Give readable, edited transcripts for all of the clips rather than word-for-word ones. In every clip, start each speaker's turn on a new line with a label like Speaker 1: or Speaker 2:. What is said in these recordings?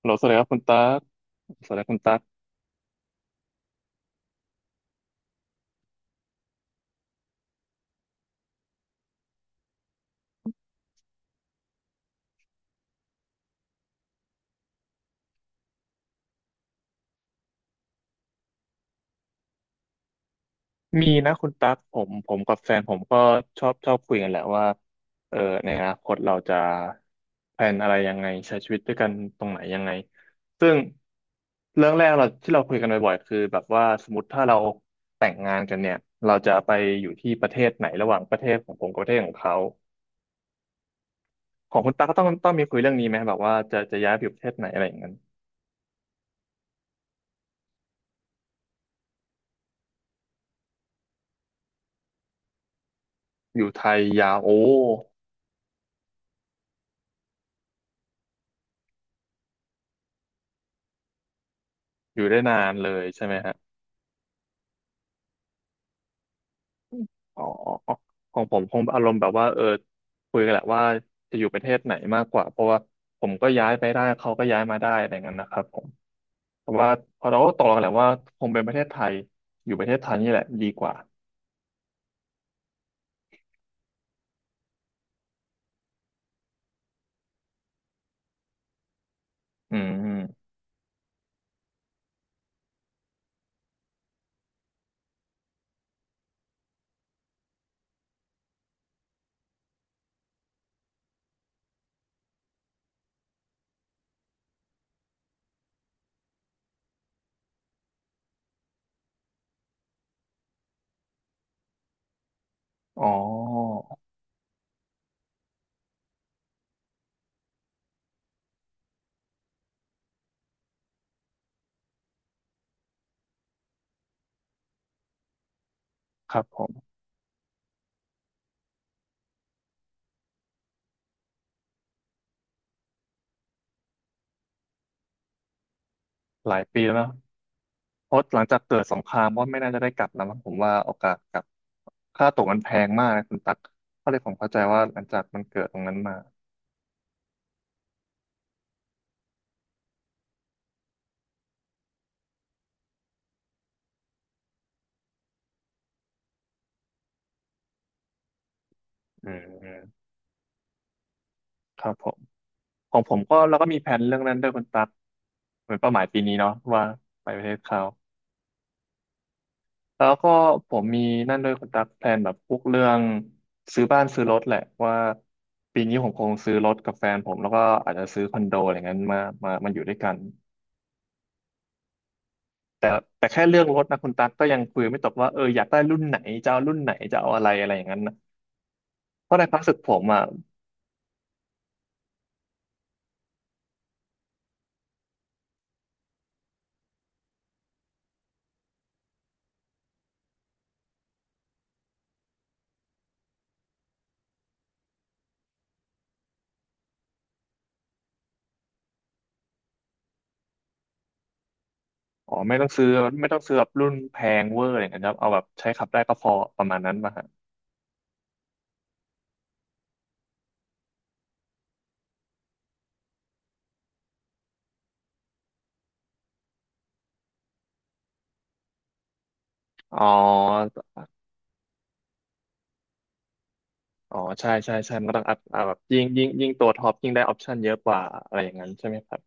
Speaker 1: ฮัลโหลสวัสดีครับคุณตั๊กสวัสดีคุณตั๊กมีนะคุณตั๊กผมกับแฟนผมก็ชอบคุยกันแหละว่าเออในอนาคตเราจะแพลนอะไรยังไงใช้ชีวิตด้วยกันตรงไหนยังไงซึ่งเรื่องแรกเราที่เราคุยกันบ่อยๆคือแบบว่าสมมติถ้าเราแต่งงานกันเนี่ยเราจะไปอยู่ที่ประเทศไหนระหว่างประเทศของผมกับประเทศของเขาของคุณตั๊กก็ต้องมีคุยเรื่องนี้ไหมแบบว่าจะย้ายไปอยู่ประเทศไหนอะไรอย่างนั้นอยู่ไทยยาวโอ้อยู่ได้นานเลยใช่ไหมฮะ อ๋อของผมคงอารมณ์แบบว่าคุยกันแหละว่าจะอยู่ประเทศไหนมากกว่าเพราะว่าผมก็ย้ายไปได้เขาก็ย้ายมาได้อะไรเงี้ยนะครับผมแต่ว่าพอเราก็ตกลงกันแหละว่าคงเป็นประเทศไทยอยู่ประเทศไทยนี่แหละดีกว่าอืมอืมอ๋อครับผมหลายปีแล้วนะเพราะหลังจากเกิดสงครามก็ไม่น่าจะได้กลับแล้วมั้งผมว่าโอกาสกลับค่าตั๋วมันแพงมากนะคุณตักก็เลยผมเข้าใจว่าหลังจากมันเกิดตรงนั้นมาอืมอืมครับผม ของผมก็เราก็มีแผนเรื่องนั้นด้วยคุณตั๊กเหมือนเป้าหมายปีนี้เนาะว่าไปประเทศเขาแล้วก็ผมมีนั่นด้วยคุณตั๊กแผนแบบพวกเรื่องซื้อบ้านซื้อรถแหละว่าปีนี้ผมคงซื้อรถกับแฟนผมแล้วก็อาจจะซื้อคอนโดอะไรเงี้ยมาอยู่ด้วยกันแต่แต่แค่เรื่องรถนะคุณตั๊กก็ยังคุยไม่ตกว่าอยากได้รุ่นไหนจะเอารุ่นไหนจะเอาอะไรอะไรอย่างนั้นนะเพราะในความรู้สึกผมอ่ะอ๋อไม่ต้องซื้อแบบรุ่นแพงเวอร์อะไรอย่างเงี้ยครับเอาแบบใช้ขับได้ก็พอประมาณนั้นมาฮะอ๋อ อ๋อใช่ใช่ใช่มันก็ต้องอัพแบบยิ่งตัวท็อปยิ่งได้ออปชันเยอะกว่าอะไรอย่างนั้นใช่ไหมครับ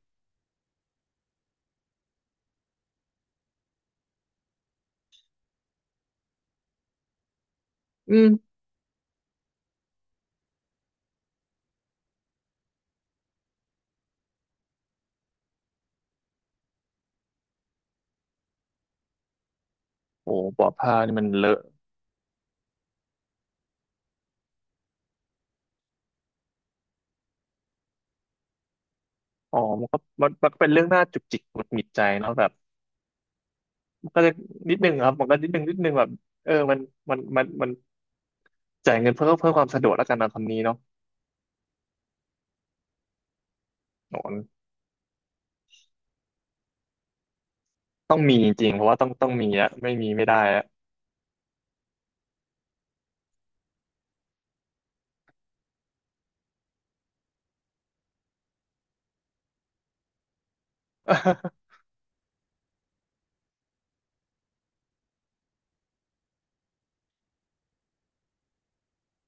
Speaker 1: อืมโอ้ปอผ้านี่มันเลอะอ๋อมันก็เป็นเรื่องน่าจุกจิกหงุดหงิดใจเนาะแบบมันก็จะนิดนึงครับมันก็นิดนึงแบบเออมันมันมันจ่ายเงินเพื่อความสะดวกแล้วกันนะคำนี้เนาะโอ้ต้องมีจริงๆเพราะว่าต้องมีอะไม่มีไม่ได้อะ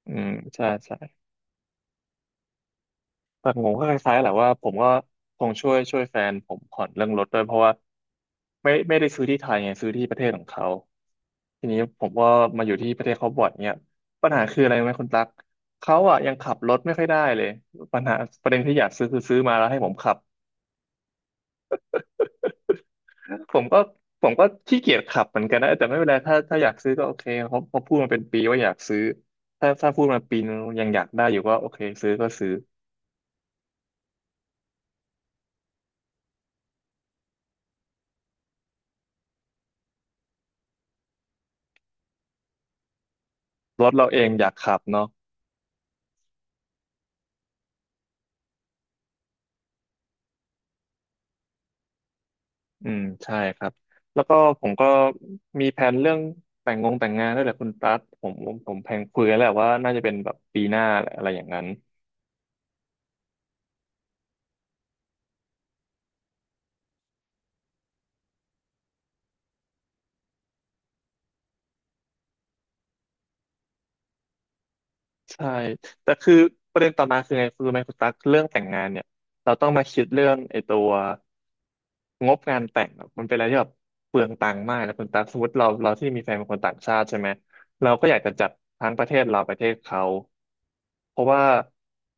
Speaker 1: อืมใช่ใช่ แต่ผมก็คล้ายๆแหละว่าผมก็คงช่วยแฟนผมผ่อนเรื่องรถด้วยเพราะว่าไม่ได้ซื้อที่ไทยไงซื้อที่ประเทศของเขาทีนี้ผมก็มาอยู่ที่ประเทศเขาบ่อยเนี่ยปัญหาคืออะไรรู้ไหมคุณตั๊กเขาอ่ะยังขับรถไม่ค่อยได้เลยปัญหาประเด็นที่อยากซื้อคือซื้อมาแล้วให้ผมขับผมก็ผมก็ขี้เกียจขับเหมือนกันนะแต่ไม่เป็นไรถ้าอยากซื้อก็โอเคเขาพูดมาเป็นปีว่าอยากซื้อถ้าพูดมาปีนึงยังอยากได้อยู่ก็โอเคซื้อก็ซื้อรถเราเองอยากขับเนาะ อืมใช่ครับแล้วก็ผมก็มีแผนเรื่องแต่งงานด้วยแหละคุณตั๊ดผมแพลนคุยกันแล้วแหละว่าน่าจะเป็นแบบปีหน้าแหละอะไรอย่างนั้นใช่แต่คือประเด็นต่อมาคือไงคือไหมคุณตั๊กเรื่องแต่งงานเนี่ยเราต้องมาคิดเรื่องไอ้ตัว งบงานแต่งอะมันเป็นอะไรที่แบบเปลืองตังค์มากนะคุณตั๊กสมมติเราที่มีแฟนเป็นคนต่างชาติใช่ไหมเราก็อยากจะจัดทั้งประเทศเราประเทศเขาเพราะว่า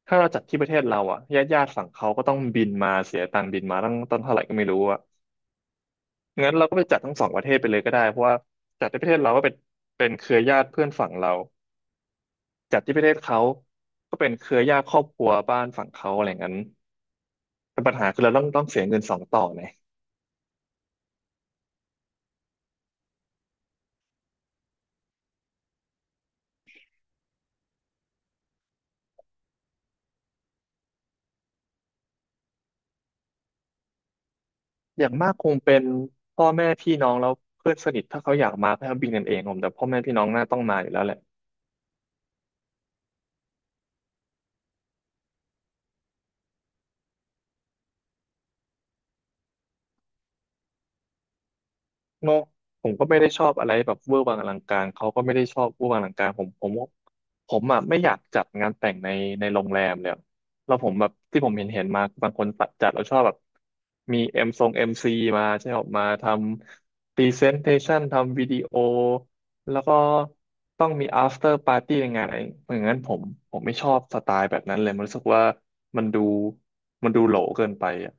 Speaker 1: ถ้าเราจัดที่ประเทศเราอะญาติฝั่งเขาก็ต้องบินมาเสียตังค์บินมาตั้งต้นเท่าไหร่ก็ไม่รู้อะงั้นเราก็ไปจัดทั้งสองประเทศไปเลยก็ได้เพราะว่าจัดที่ประเทศเราก็เป็นเครือญาติเพื่อนฝั่งเราจัดที่ประเทศเขาก็เป็นเครือญาติครอบครัวบ้านฝั่งเขาอะไรงั้นแต่ปัญหาคือเราต้องเสียเงินสองต่อไง อย่างมากคงเป็นพ่อแม่พี่น้องแล้วเพื่อนสนิทถ้าเขาอยากมาก็บินกันเองผมแต่พ่อแม่พี่น้องน่าต้องมาอยู่แล้วแหละ เนาะผมก็ไม่ได้ชอบอะไรแบบเวอร์วังอลังการเขาก็ไม่ได้ชอบเวอร์วังอลังการผมอ่ะไม่อยากจัดงานแต่งในโรงแรมเลยแล้วผมแบบที่ผมเห็นมาบางคนจัดแล้วชอบแบบมีเอ็มซีมาใช่ไหมออกมาทำพรีเซนเทชันทำวิดีโอแล้วก็ต้องมี after party ในงานอะไรอย่างนั้นผมไม่ชอบสไตล์แบบนั้นเลยมันรู้สึกว่ามันดูมันดูโหลเกินไปอ่ะ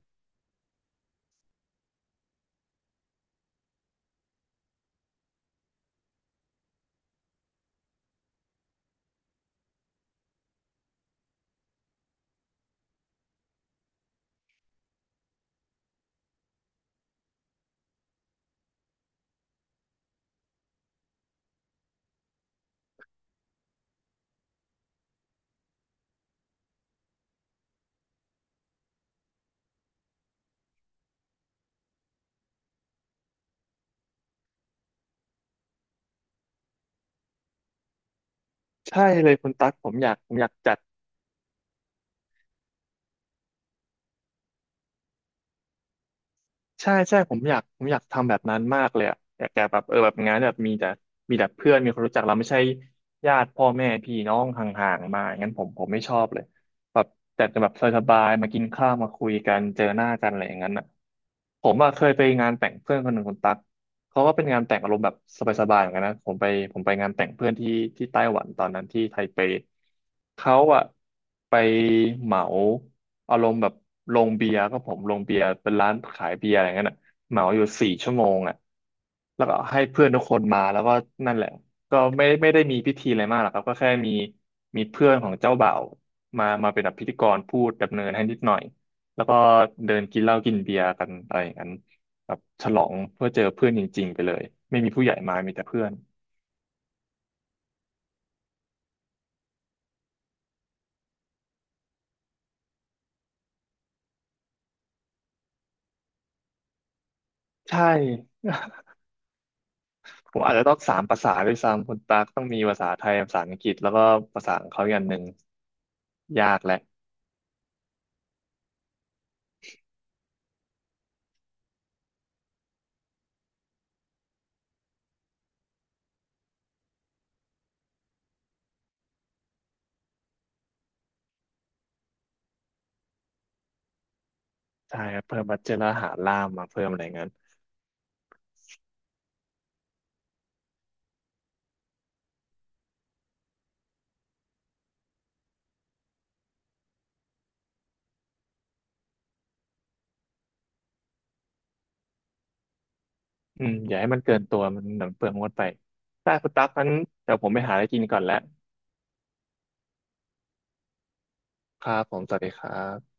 Speaker 1: ใช่เลยคุณตั๊กผมอยากจัด ใช่ใช่ผมอยากทำแบบนั้นมากเลยอะอยากแต่แบบเออแบบงานแบบมีแต่เพื่อนมีคนรู้จักเราไม่ใช่ญาติพ่อแม่พี่น้องห่างๆมางั้นผมไม่ชอบเลย แบบแต่จะแบบสบายๆมากินข้าวมาคุยกันเจอหน้ากันอะไรอย่างนั้นอ่ะผมอ่ะเคยไปงานแต่งเพื่อนคนหนึ่งคนตักเขาก็เป็นงานแต่งอารมณ์แบบสบายๆเหมือนกันนะผมไปงานแต่งเพื่อนที่ไต้หวันตอนนั้นที่ไทเปเขาอ่ะไปเหมาอารมณ์แบบโรงเบียร์ก็ผมโรงเบียร์เป็นร้านขายเบียร์อะไรอย่างนั้ยนอ่ะเหมาอยู่4 ชั่วโมงอ่ะแล้วก็ให้เพื่อนทุกคนมาแล้วก็นั่นแหละก็ไม่ได้มีพิธีอะไรมากหรอกครับก็แค่มีเพื่อนของเจ้าบ่าว มาเป็นแบบพิธีกรพูดดำเนินให้นิดหน่อย แล้วก็เดินกินเหล้ากินเบียร์กันอะไรอย่างนั้นแบบฉลองเพื่อเจอเพื่อนจริงๆไปเลยไม่มีผู้ใหญ่มา มีแต่เพื่อนใช่ ผมอาจจะต้อง3 ภาษาด้วยซ้ำคุณตากต้องมีภาษาไทยภาษาอังกฤษแล้วก็ภาษาของเขาอีกอันหนึ่งยากแหละใช่ครับเพิ่มบัดเจ็ตแล้วหาล่ามมาเพิ่มอะไรอย่างนั้นอืมอย่าให้มันเกินตัวมันหนังเปลืองงดไปได้คุณตั๊กงั้นเดี๋ยวผมไปหาอะไรกินก่อนแล้วครับผมสวัสดีครับ